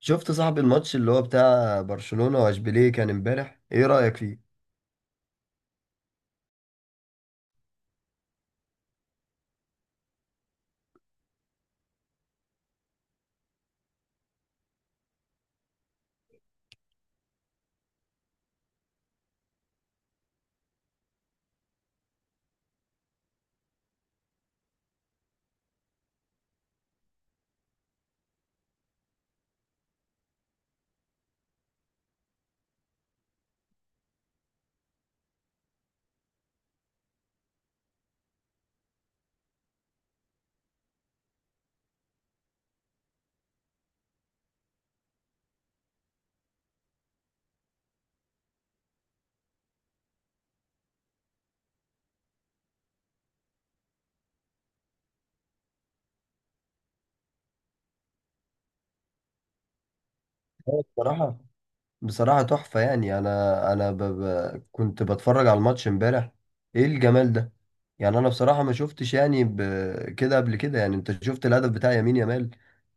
شفت صاحب الماتش اللي هو بتاع برشلونة واشبيليه كان امبارح، ايه رأيك فيه؟ هو بصراحة تحفة. يعني انا انا ب... ب... كنت بتفرج على الماتش امبارح. ايه الجمال ده! يعني انا بصراحة ما شفتش كده قبل كده. يعني انت شفت الهدف بتاع يمين يامال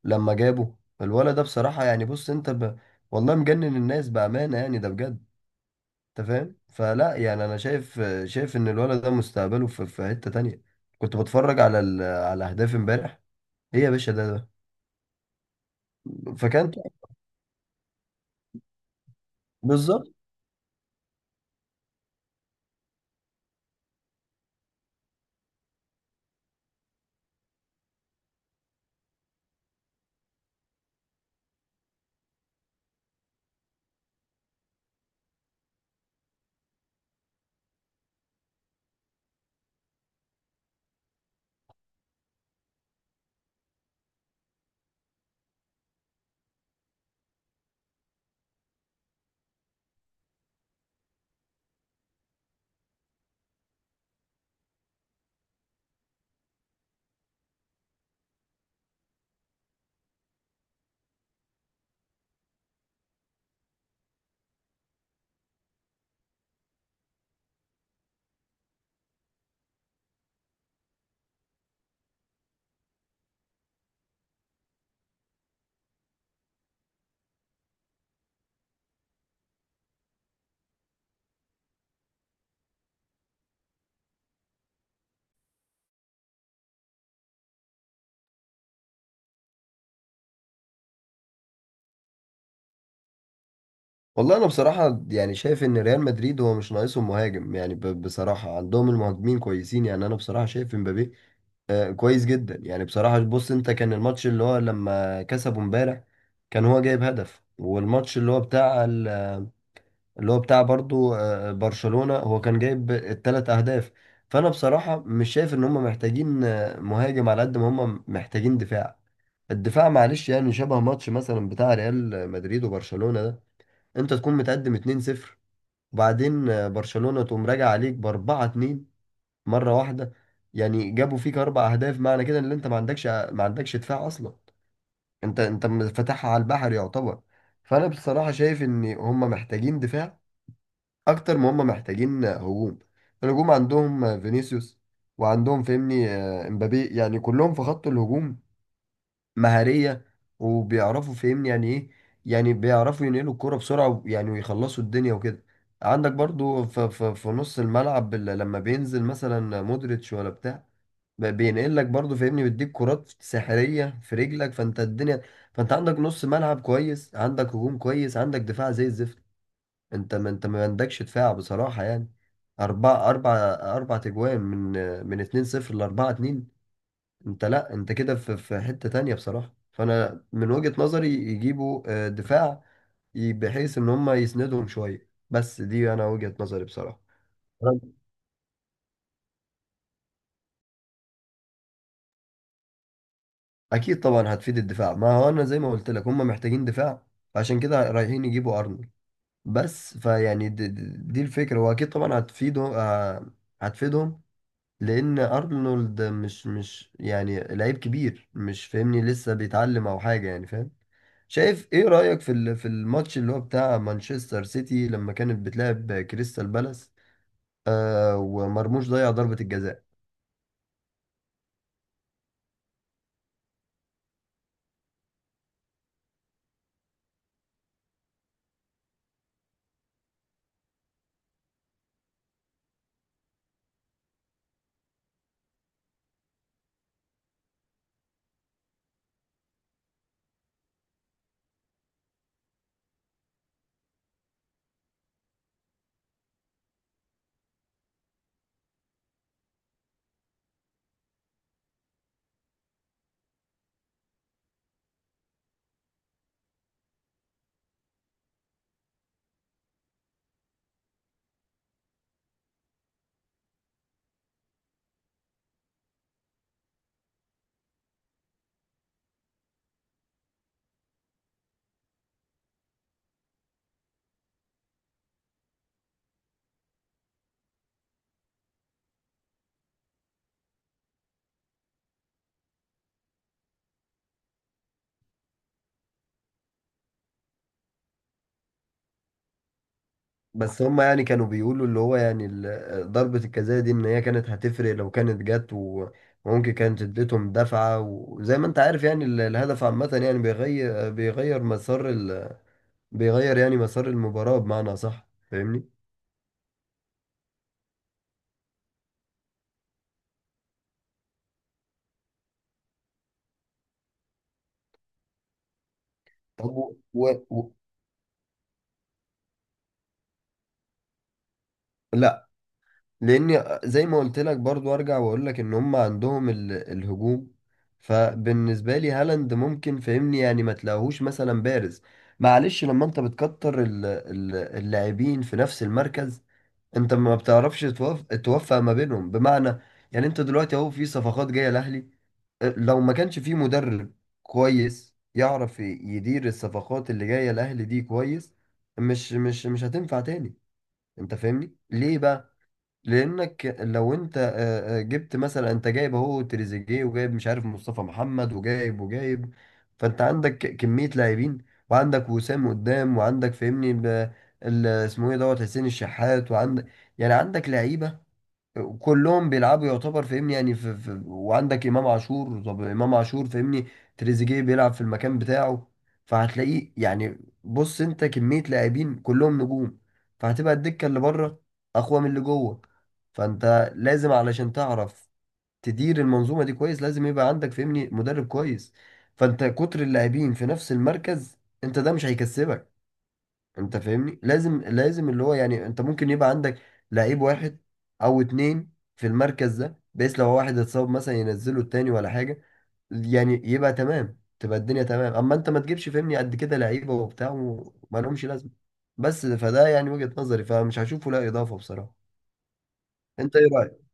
لما جابه الولد ده، بصراحة، يعني بص انت. والله مجنن الناس بأمانة، يعني ده بجد. انت فاهم؟ فلا يعني انا شايف شايف ان الولد ده مستقبله في حتة تانية. كنت بتفرج على اهداف امبارح. ايه يا باشا ده. فكانت بالظبط. والله انا بصراحه يعني شايف ان ريال مدريد هو مش ناقصهم مهاجم، يعني بصراحه عندهم المهاجمين كويسين. يعني انا بصراحه شايف امبابي كويس جدا. يعني بصراحه بص انت، كان الماتش اللي هو لما كسبوا امبارح كان هو جايب هدف، والماتش اللي هو بتاع اللي هو بتاع برضو برشلونه هو كان جايب الثلاث اهداف. فانا بصراحه مش شايف ان هم محتاجين مهاجم على قد ما هم محتاجين دفاع. الدفاع معلش، يعني شبه ماتش مثلا بتاع ريال مدريد وبرشلونة ده، انت تكون متقدم 2-0 وبعدين برشلونة تقوم راجع عليك ب 4-2 مرة واحدة. يعني جابوا فيك اربع اهداف، معنى كده ان انت ما عندكش ما عندكش دفاع اصلا. انت فاتحها على البحر يعتبر. فانا بصراحة شايف ان هم محتاجين دفاع اكتر ما هم محتاجين هجوم. الهجوم عندهم فينيسيوس، وعندهم فهمني امبابي. يعني كلهم في خط الهجوم مهارية، وبيعرفوا فهمني يعني ايه. يعني بيعرفوا ينقلوا الكرة بسرعة يعني ويخلصوا الدنيا وكده. عندك برضو في نص الملعب لما بينزل مثلا مودريتش ولا بتاع، بينقل لك برضو فاهمني، بيديك كرات سحرية في رجلك، فانت الدنيا. فانت عندك نص ملعب كويس، عندك هجوم كويس، عندك دفاع زي الزفت. انت ما عندكش دفاع بصراحة. يعني أربعة أربعة، أربعة تجوان، من 2-0 لـ4-2. انت لا، انت كده في حتة تانية بصراحة. فانا من وجهة نظري يجيبوا دفاع بحيث ان هم يسندهم شوية، بس دي انا وجهة نظري بصراحة. تمام. اكيد طبعا هتفيد الدفاع، ما هو انا زي ما قلت لك هم محتاجين دفاع، عشان كده رايحين يجيبوا ارنولد. بس فيعني دي الفكرة، واكيد طبعا هتفيده، هتفيدهم، لان ارنولد مش يعني لعيب كبير، مش فاهمني؟ لسه بيتعلم او حاجة، يعني فاهم؟ شايف ايه رأيك في في الماتش اللي هو بتاع مانشستر سيتي لما كانت بتلعب كريستال بالاس، آه، ومرموش ضيع ضربة الجزاء. بس هم يعني كانوا بيقولوا اللي هو يعني ضربة الجزاء دي ان هي كانت هتفرق لو كانت جت، وممكن كانت اديتهم دفعة. وزي ما انت عارف يعني الهدف عامة يعني بيغير مسار بيغير يعني مسار المباراة، بمعنى صح فاهمني؟ طب لا، لان زي ما قلت لك برضو ارجع واقول لك ان هم عندهم الهجوم. فبالنسبه لي هالاند ممكن فهمني يعني ما تلاقوهوش مثلا بارز. معلش لما انت بتكتر اللاعبين في نفس المركز، انت ما بتعرفش توفق ما بينهم، بمعنى يعني انت دلوقتي اهو في صفقات جايه الاهلي، أه، لو ما كانش في مدرب كويس يعرف يدير الصفقات اللي جايه الاهلي دي كويس، مش هتنفع تاني. انت فاهمني ليه بقى؟ لانك لو انت جبت مثلا، انت جايب اهو تريزيجيه وجايب مش عارف مصطفى محمد وجايب وجايب. فانت عندك كميه لاعبين، وعندك وسام قدام، وعندك فهمني اسمه ايه دوت حسين الشحات، وعندك يعني عندك لعيبه كلهم بيلعبوا يعتبر فاهمني، يعني في وعندك امام عاشور. طب امام عاشور فاهمني، تريزيجيه بيلعب في المكان بتاعه، فهتلاقيه يعني. بص انت كميه لاعبين كلهم نجوم، فهتبقى الدكه اللي بره اقوى من اللي جوه. فانت لازم علشان تعرف تدير المنظومه دي كويس، لازم يبقى عندك فاهمني مدرب كويس. فانت كتر اللاعبين في نفس المركز، انت ده مش هيكسبك. انت فاهمني لازم لازم اللي هو يعني انت ممكن يبقى عندك لعيب واحد او اتنين في المركز ده، بحيث لو واحد اتصاب مثلا ينزله التاني ولا حاجة، يعني يبقى تمام، تبقى الدنيا تمام. اما انت ما تجيبش فهمني قد كده لعيبة وبتاع وما لهمش لازمة، بس فده يعني وجهة نظري، فمش هشوفه لا اضافة بصراحة. انت ايه رأيك؟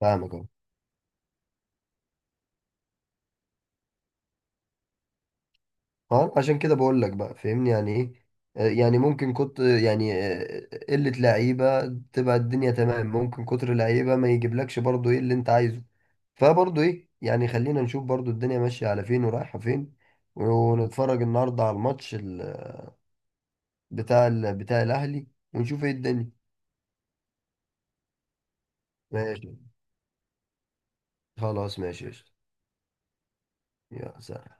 فاهمك اهو. اه عشان كده بقول لك بقى فهمني يعني ايه. يعني ممكن كنت يعني قلة لعيبة تبقى الدنيا تمام، ممكن كتر لعيبة ما يجيبلكش برضو ايه اللي انت عايزه. فبرضه ايه يعني خلينا نشوف برضه الدنيا ماشية على فين ورايحة فين، ونتفرج النهاردة على الماتش بتاع بتاع الأهلي، ونشوف ايه الدنيا. ماشي. خلاص ماشي قشطة. يا سلام.